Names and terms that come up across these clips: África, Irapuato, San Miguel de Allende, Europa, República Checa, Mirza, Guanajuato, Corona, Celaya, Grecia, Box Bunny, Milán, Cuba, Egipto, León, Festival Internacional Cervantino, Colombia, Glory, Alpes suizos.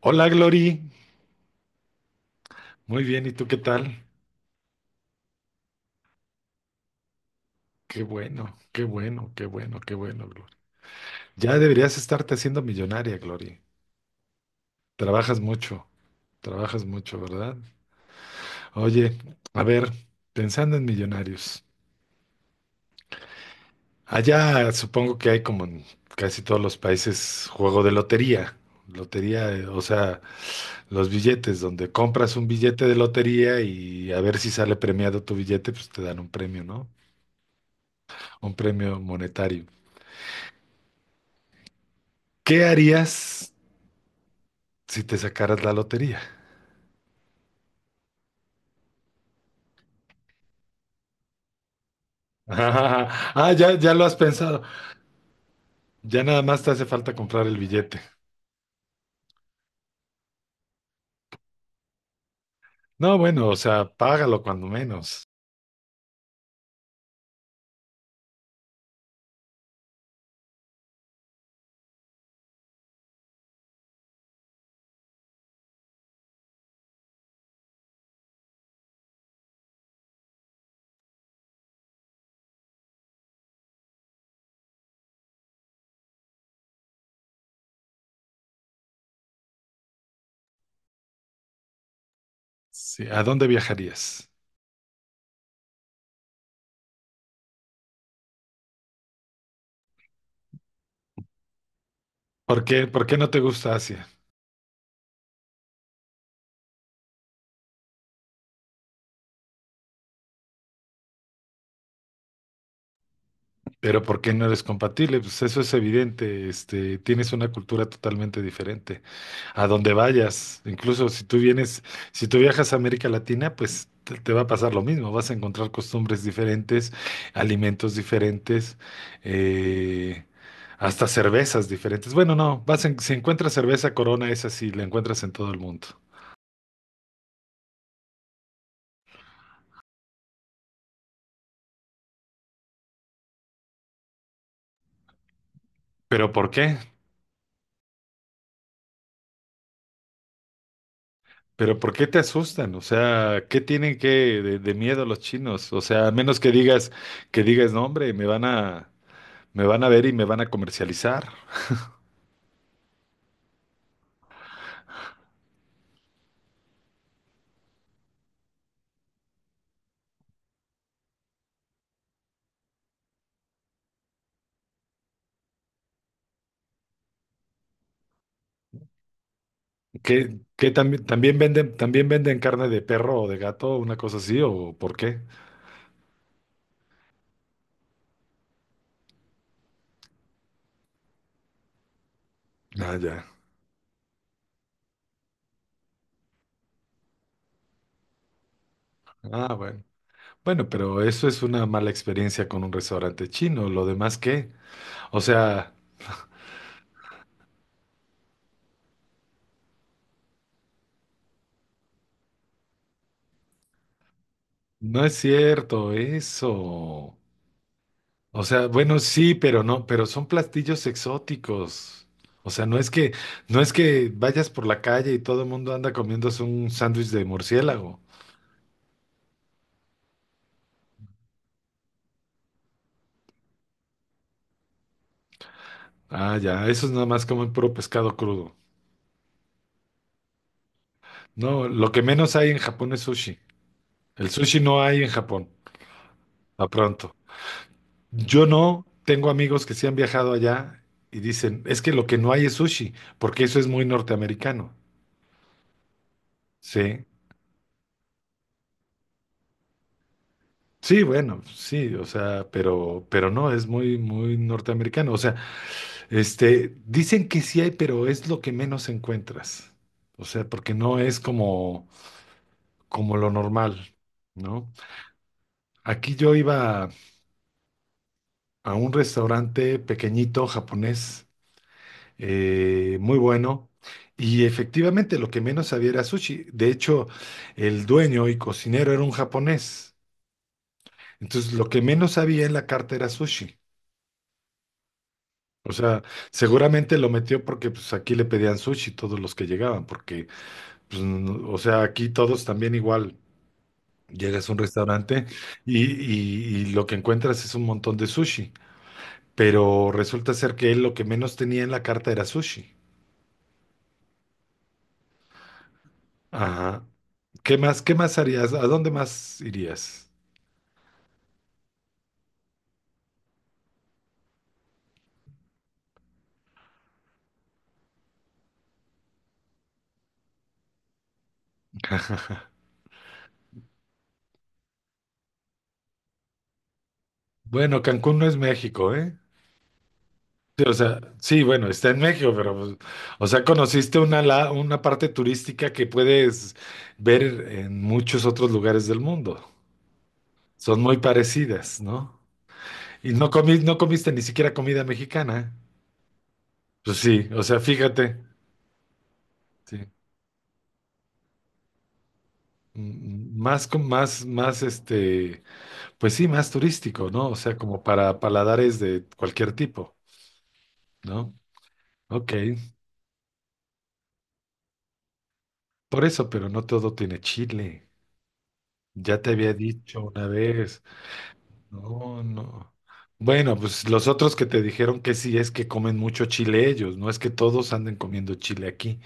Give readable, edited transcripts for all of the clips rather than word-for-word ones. Hola, Glory. Muy bien, ¿y tú qué tal? Qué bueno, qué bueno, qué bueno, qué bueno, Glory. Ya deberías estarte haciendo millonaria, Glory. Trabajas mucho, trabajas mucho, ¿verdad? Oye, a ver, pensando en millonarios. Allá supongo que hay como en casi todos los países juego de lotería. Lotería, o sea, los billetes, donde compras un billete de lotería y a ver si sale premiado tu billete, pues te dan un premio, ¿no? Un premio monetario. ¿Qué harías si te sacaras la lotería? Ah, ya, ya lo has pensado. Ya nada más te hace falta comprar el billete. No, bueno, o sea, págalo cuando menos. Sí, ¿a dónde viajarías? ¿Por qué no te gusta Asia? Pero ¿por qué no eres compatible? Pues eso es evidente, tienes una cultura totalmente diferente. A donde vayas. Incluso si tú viajas a América Latina, pues te va a pasar lo mismo. Vas a encontrar costumbres diferentes, alimentos diferentes, eh, hasta cervezas diferentes. Bueno, no, si encuentras cerveza Corona, esa sí la encuentras en todo el mundo. ¿Pero por qué? ¿Pero por qué te asustan? O sea, ¿qué tienen que de miedo los chinos? O sea, a menos que digas, no, hombre, me van a ver y me van a comercializar. ¿Qué también, también venden carne de perro o de gato, una cosa así, o por qué? Ah, ya. Ah, bueno. Bueno, pero eso es una mala experiencia con un restaurante chino. ¿Lo demás qué? O sea, no es cierto eso. O sea, bueno, sí, pero no, pero son platillos exóticos. O sea, no es que vayas por la calle y todo el mundo anda comiéndose un sándwich de murciélago. Ah, ya, eso es nada más comen puro pescado crudo. No, lo que menos hay en Japón es sushi. El sushi no hay en Japón, a pronto. Yo no tengo amigos que sí han viajado allá y dicen, es que lo que no hay es sushi, porque eso es muy norteamericano. Sí, sí, bueno, sí, o sea, pero no, es muy, muy norteamericano. O sea, dicen que sí hay, pero es lo que menos encuentras. O sea, porque no es como lo normal, ¿no? Aquí yo iba a un restaurante pequeñito japonés, muy bueno. Y efectivamente lo que menos había era sushi. De hecho, el dueño y cocinero era un japonés. Entonces, lo que menos había en la carta era sushi. O sea, seguramente lo metió porque pues aquí le pedían sushi todos los que llegaban, porque pues, o sea, aquí todos también igual. Llegas a un restaurante y, y lo que encuentras es un montón de sushi, pero resulta ser que él lo que menos tenía en la carta era sushi. Ajá. ¿Qué más harías? ¿A dónde más irías? Bueno, Cancún no es México, ¿eh? Sí, o sea, sí, bueno, está en México, pero, pues, o sea, conociste una parte turística que puedes ver en muchos otros lugares del mundo. Son muy parecidas, ¿no? Y no comiste ni siquiera comida mexicana. Pues sí, o sea, fíjate, sí. Mm, mm, Más, con- más, más, pues sí, más turístico, ¿no? O sea, como para paladares de cualquier tipo, ¿no? Ok, por eso, pero no todo tiene chile. Ya te había dicho una vez. No, no. Bueno, pues los otros que te dijeron que sí es que comen mucho chile ellos, no es que todos anden comiendo chile aquí.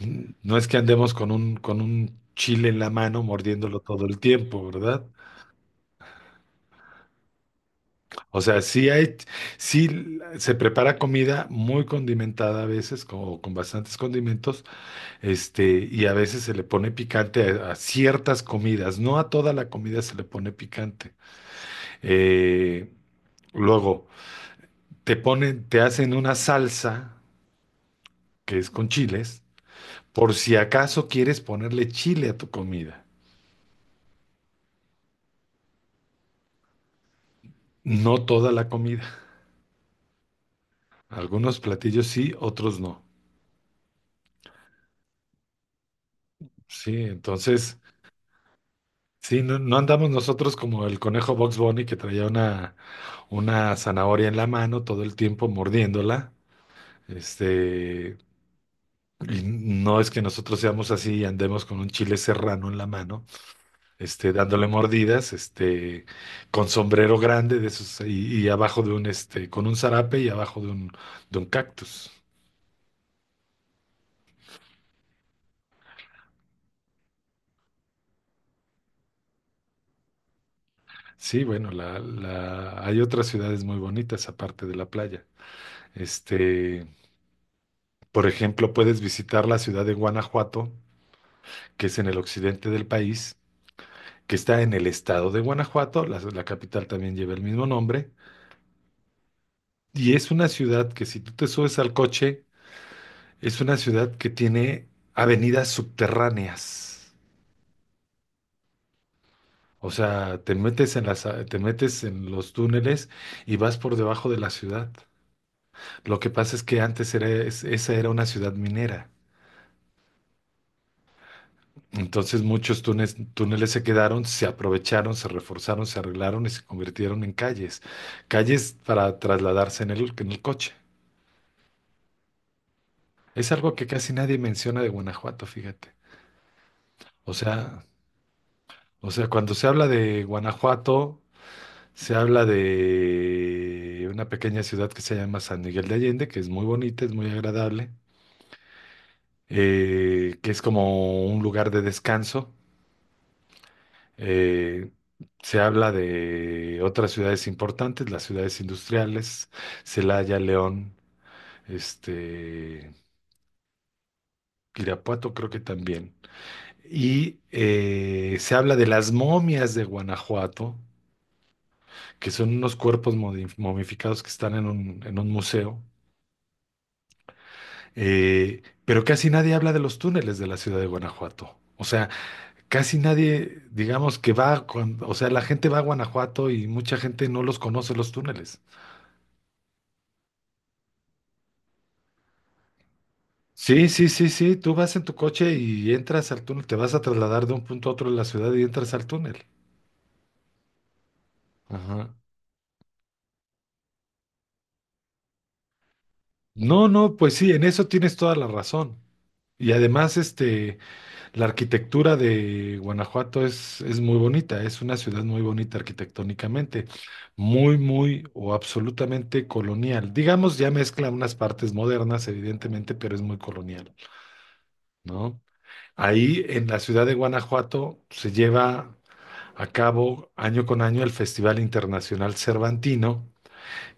No es que andemos con un chile en la mano mordiéndolo todo el tiempo, ¿verdad? O sea, sí hay, sí se prepara comida muy condimentada a veces, con bastantes condimentos. Y a veces se le pone picante a ciertas comidas, no a toda la comida se le pone picante. Eh, luego, te hacen una salsa que es con chiles, por si acaso quieres ponerle chile a tu comida. No toda la comida. Algunos platillos sí, otros no. Sí, entonces, sí, no, no andamos nosotros como el conejo Box Bunny que traía una zanahoria en la mano todo el tiempo mordiéndola. Este, Y no es que nosotros seamos así y andemos con un chile serrano en la mano, dándole mordidas, con sombrero grande de esos y abajo de un, este, con un zarape y abajo de un cactus. Sí, bueno, hay otras ciudades muy bonitas aparte de la playa. Este, por ejemplo, puedes visitar la ciudad de Guanajuato, que es en el occidente del país, que está en el estado de Guanajuato, la capital también lleva el mismo nombre. Y es una ciudad que, si tú te subes al coche, es una ciudad que tiene avenidas subterráneas. O sea, te metes en los túneles y vas por debajo de la ciudad. Lo que pasa es que antes esa era una ciudad minera. Entonces muchos túneles se quedaron, se aprovecharon, se reforzaron, se arreglaron y se convirtieron en calles. Calles para trasladarse en el coche. Es algo que casi nadie menciona de Guanajuato, fíjate. O sea, o sea, cuando se habla de Guanajuato, se habla de una pequeña ciudad que se llama San Miguel de Allende, que es muy bonita, es muy agradable, que es como un lugar de descanso. Eh, se habla de otras ciudades importantes, las ciudades industriales, Celaya, León, este, Irapuato creo que también. Y se habla de las momias de Guanajuato, que son unos cuerpos momificados que están en un museo. Pero casi nadie habla de los túneles de la ciudad de Guanajuato. O sea, casi nadie, digamos que va, o sea, la gente va a Guanajuato y mucha gente no los conoce los túneles. Sí, sí, sí, sí, tú vas en tu coche y entras al túnel, te vas a trasladar de un punto a otro de la ciudad y entras al túnel. Ajá. No, no, pues sí, en eso tienes toda la razón. Y además, la arquitectura de Guanajuato es muy bonita, es una ciudad muy bonita arquitectónicamente, muy, muy o absolutamente colonial. Digamos, ya mezcla unas partes modernas, evidentemente, pero es muy colonial, ¿no? Ahí en la ciudad de Guanajuato se lleva a cabo año con año el Festival Internacional Cervantino,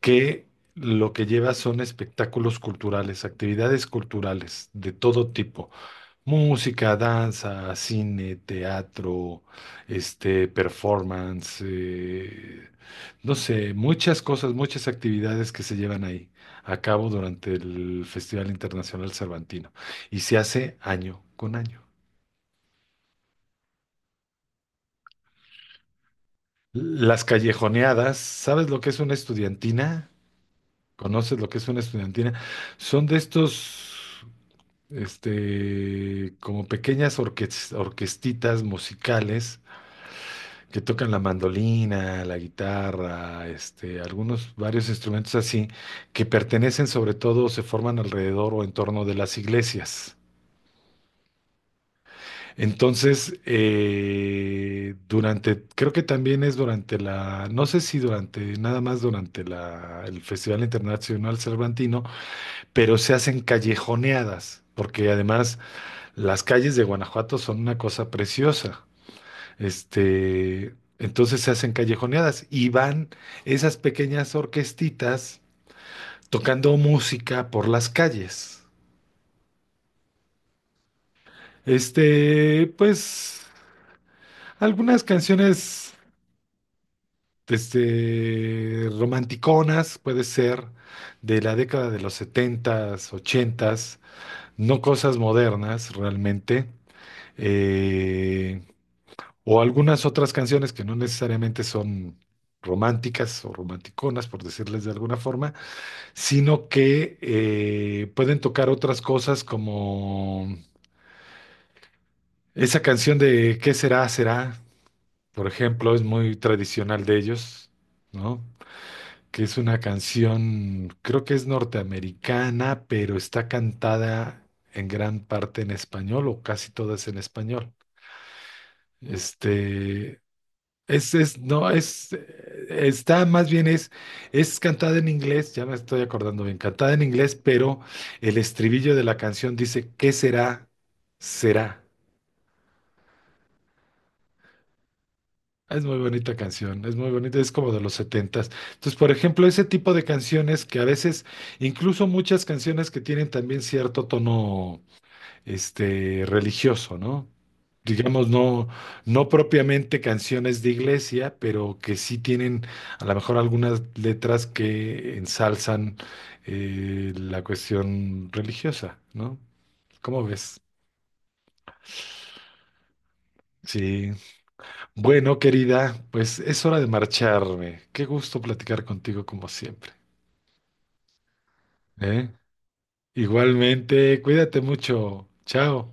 que lo que lleva son espectáculos culturales, actividades culturales de todo tipo. Música, danza, cine, teatro, performance, no sé, muchas cosas, muchas actividades que se llevan ahí a cabo durante el Festival Internacional Cervantino y se hace año con año. Las callejoneadas, ¿sabes lo que es una estudiantina? ¿Conoces lo que es una estudiantina? Son de estos, como pequeñas orquestitas musicales que tocan la mandolina, la guitarra, varios instrumentos así, que pertenecen sobre todo, o se forman alrededor o en torno de las iglesias. Entonces, durante, creo que también es durante la, no sé si durante, nada más durante la, el Festival Internacional Cervantino, pero se hacen callejoneadas, porque además las calles de Guanajuato son una cosa preciosa. Entonces se hacen callejoneadas y van esas pequeñas orquestitas tocando música por las calles. Pues algunas canciones romanticonas, puede ser, de la década de los setentas ochentas, no cosas modernas realmente, eh, o algunas otras canciones que no necesariamente son románticas o romanticonas, por decirles de alguna forma, sino que pueden tocar otras cosas como esa canción de ¿Qué será, será? Por ejemplo, es muy tradicional de ellos, ¿no? Que es una canción, creo que es norteamericana, pero está cantada en gran parte en español o casi todas en español. Este, Es, no, es, está más bien es cantada en inglés, ya me estoy acordando bien, cantada en inglés, pero el estribillo de la canción dice, ¿qué será? Será. Es muy bonita canción, es muy bonita, es como de los setentas. Entonces, por ejemplo, ese tipo de canciones que a veces, incluso muchas canciones que tienen también cierto tono religioso, ¿no? Digamos, no, no propiamente canciones de iglesia, pero que sí tienen a lo mejor algunas letras que ensalzan, la cuestión religiosa, ¿no? ¿Cómo ves? Sí. Bueno, querida, pues es hora de marcharme. Qué gusto platicar contigo como siempre, ¿eh? Igualmente, cuídate mucho. Chao.